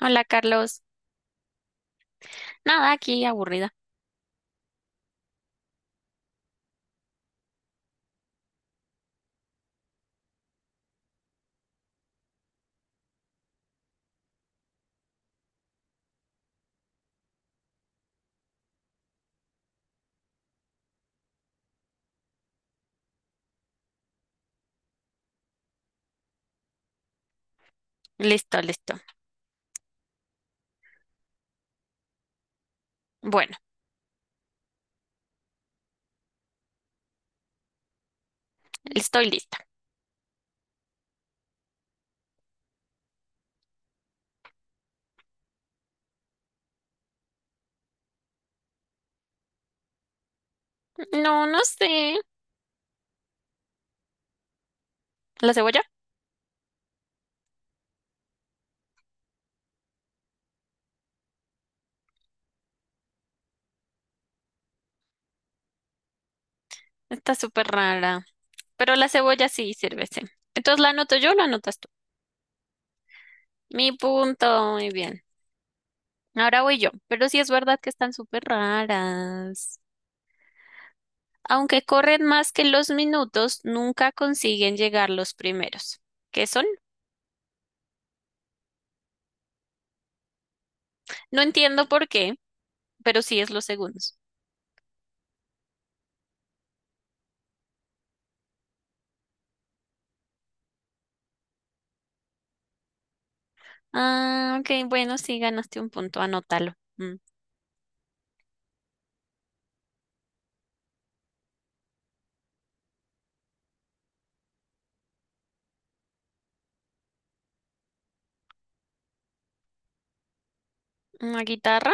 Hola Carlos. Nada, aquí aburrida. Listo, listo. Bueno, estoy lista. No, no sé. ¿La cebolla? Está súper rara. Pero la cebolla sí sirve, sí. Entonces la anoto yo o la anotas tú. Mi punto, muy bien. Ahora voy yo. Pero sí es verdad que están súper raras. Aunque corren más que los minutos, nunca consiguen llegar los primeros. ¿Qué son? No entiendo por qué, pero sí es los segundos. Ah, ok, bueno, sí ganaste un punto, anótalo. Mm. ¿Una guitarra?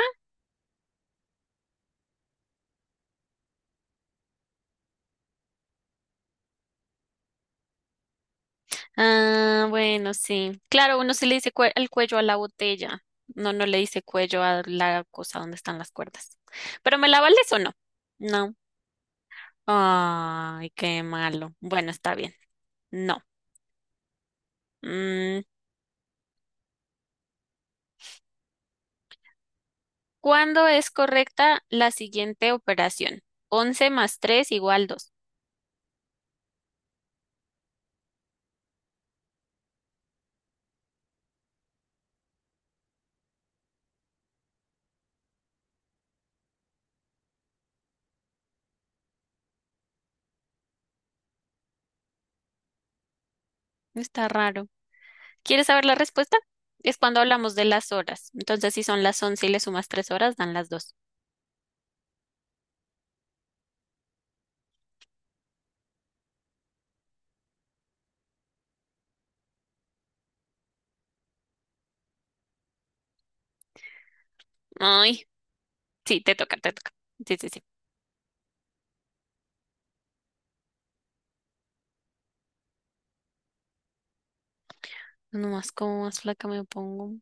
Ah, bueno, sí. Claro, uno se le dice el cuello a la botella. No, no le dice cuello a la cosa donde están las cuerdas. ¿Pero me la vales o no? No. Ay, qué malo. Bueno, está bien. No. Mm, ¿cuándo es correcta la siguiente operación? 11 más 3 igual 2. Está raro. ¿Quieres saber la respuesta? Es cuando hablamos de las horas. Entonces, si son las 11 y le sumas 3 horas, dan las 2. Ay, sí, te toca, te toca. Sí, sí, sí. Nomás como más flaca me pongo.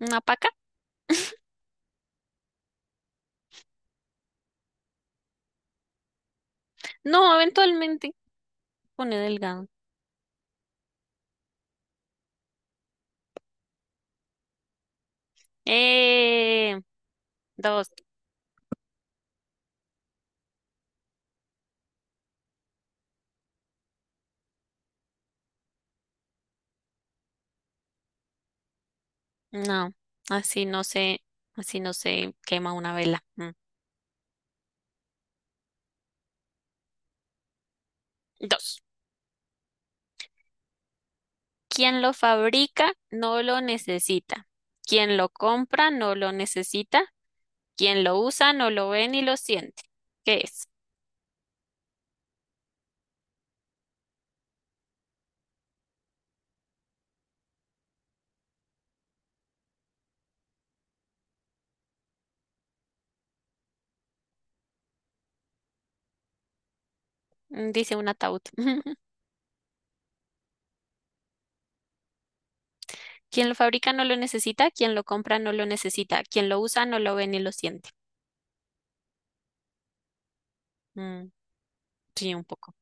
¿Una paca? No, eventualmente pone delgado. Eh, dos. No, así no se, así no se quema una vela. Mm. Dos. Quien lo fabrica no lo necesita. Quien lo compra no lo necesita. Quien lo usa no lo ve ni lo siente. ¿Qué es? Dice un ataúd. Quien lo fabrica no lo necesita. Quien lo compra no lo necesita. Quien lo usa no lo ve ni lo siente. Mm, sí, un poco.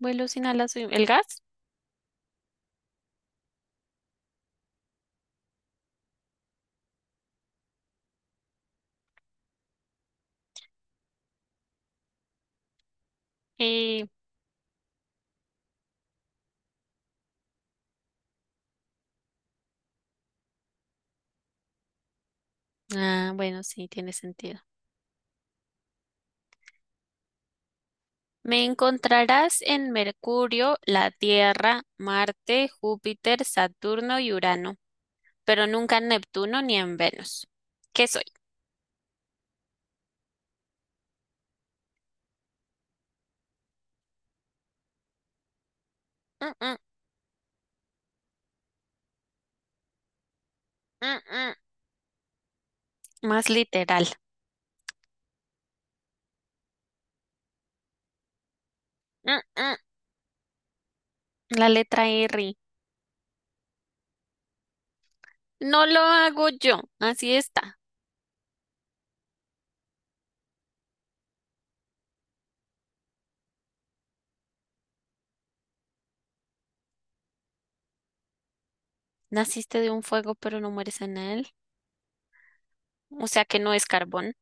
Vuelo sin alas, el gas. Eh, ah, bueno, sí, tiene sentido. Me encontrarás en Mercurio, la Tierra, Marte, Júpiter, Saturno y Urano, pero nunca en Neptuno ni en Venus. ¿Qué soy? Mm, mm, mm, mm. Más literal. Mm, mm. La letra R. No lo hago yo, así está. Naciste de un fuego, pero no mueres en él. O sea que no es carbón.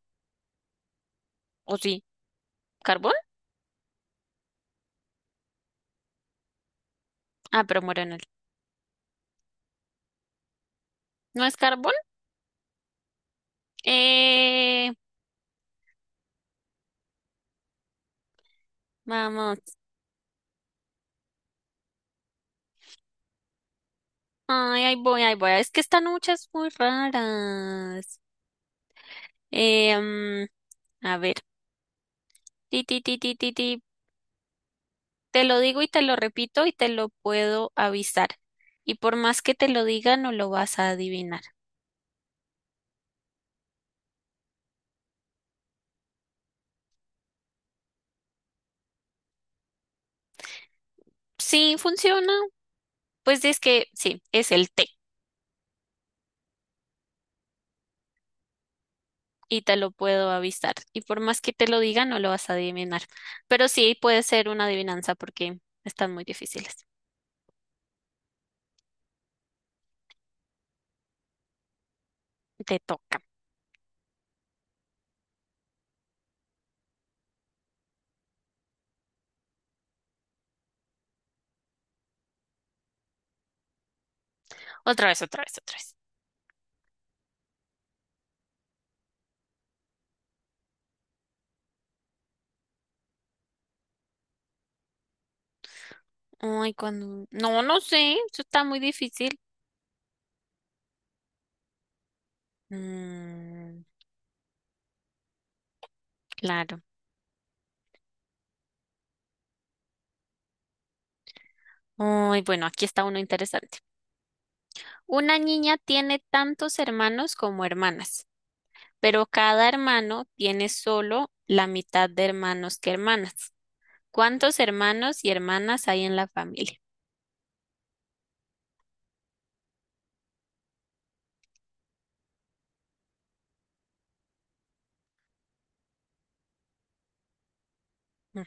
¿O sí? ¿Carbón? Ah, pero muero en él. ¿No es carbón? Eh... Vamos. Ay, ahí voy, ahí voy. Es que están muchas muy raras. Em, a ver, ti, ti, ti, ti, ti, ti. Te lo digo y te lo repito y te lo puedo avisar. Y por más que te lo diga, no lo vas a adivinar. Sí, funciona. Pues es que sí, es el té y te lo puedo avisar. Y por más que te lo diga, no lo vas a adivinar. Pero sí puede ser una adivinanza porque están muy difíciles. Te toca. Otra vez, otra vez, otra vez. Ay, cuando... No, no sé, eso está muy difícil. Mm, claro. Uy, bueno, aquí está uno interesante. Una niña tiene tantos hermanos como hermanas, pero cada hermano tiene solo la mitad de hermanos que hermanas. ¿Cuántos hermanos y hermanas hay en la familia? Mm.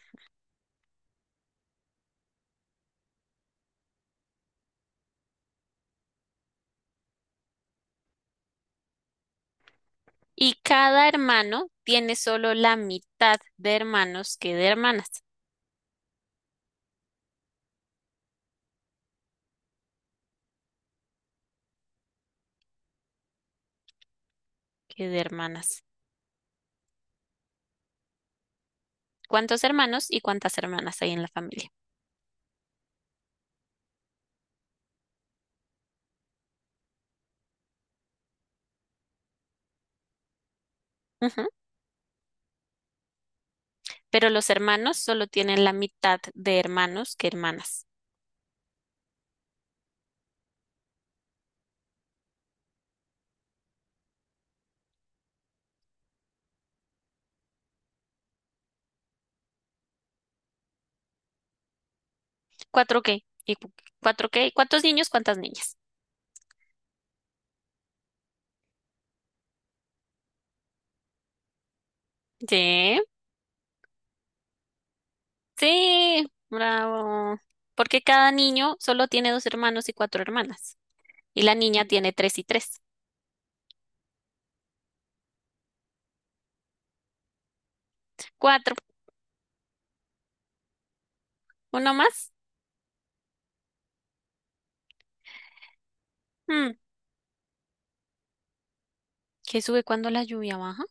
Y cada hermano tiene solo la mitad de hermanos que de hermanas. ¿Cuántos hermanos y cuántas hermanas hay en la familia? Ujú. Pero los hermanos solo tienen la mitad de hermanos que hermanas. Cuatro k Y cu- 4K. ¿Cuántos niños? ¿Cuántas niñas? Sí, sí, bravo. Porque cada niño solo tiene dos hermanos y cuatro hermanas. Y la niña tiene tres y tres. Cuatro. ¿Uno más? Hmm, ¿Qué sube cuando la lluvia baja?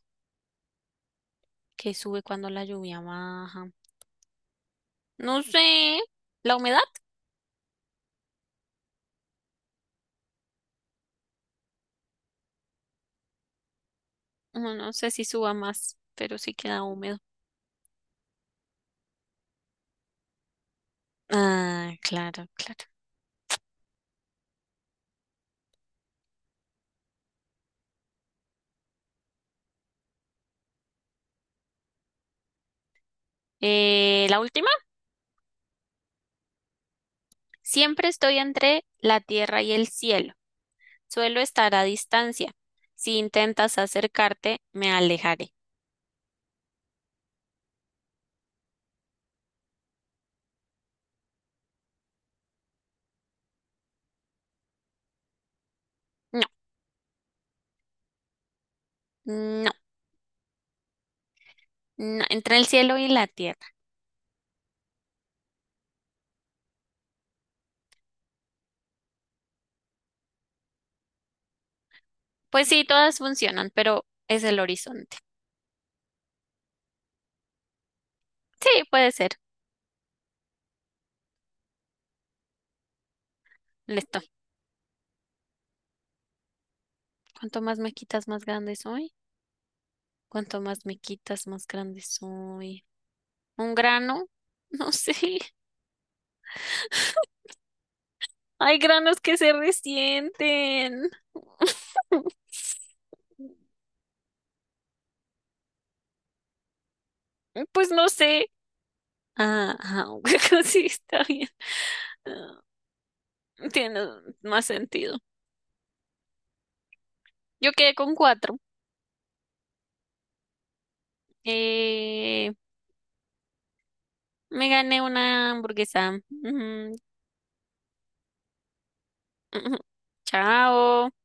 ¿Qué sube cuando la lluvia baja? No sé. ¿La humedad? No, no sé si suba más, pero sí queda húmedo. Ah, claro, claro. La última. Siempre estoy entre la tierra y el cielo. Suelo estar a distancia. Si intentas acercarte, me alejaré. No, no, no, entre el cielo y la tierra. Pues sí, todas funcionan, pero es el horizonte. Sí, puede ser. Listo. Cuanto más me quitas, más grande soy. Cuanto más me quitas, más grande soy. ¿Un grano? No sé. Hay granos que se resienten. Pues no sé. Ah, ah, sí, está bien. Ah, tiene más sentido. Yo quedé con cuatro. Eh, me gané una hamburguesa. Ujú, ujú. Chao.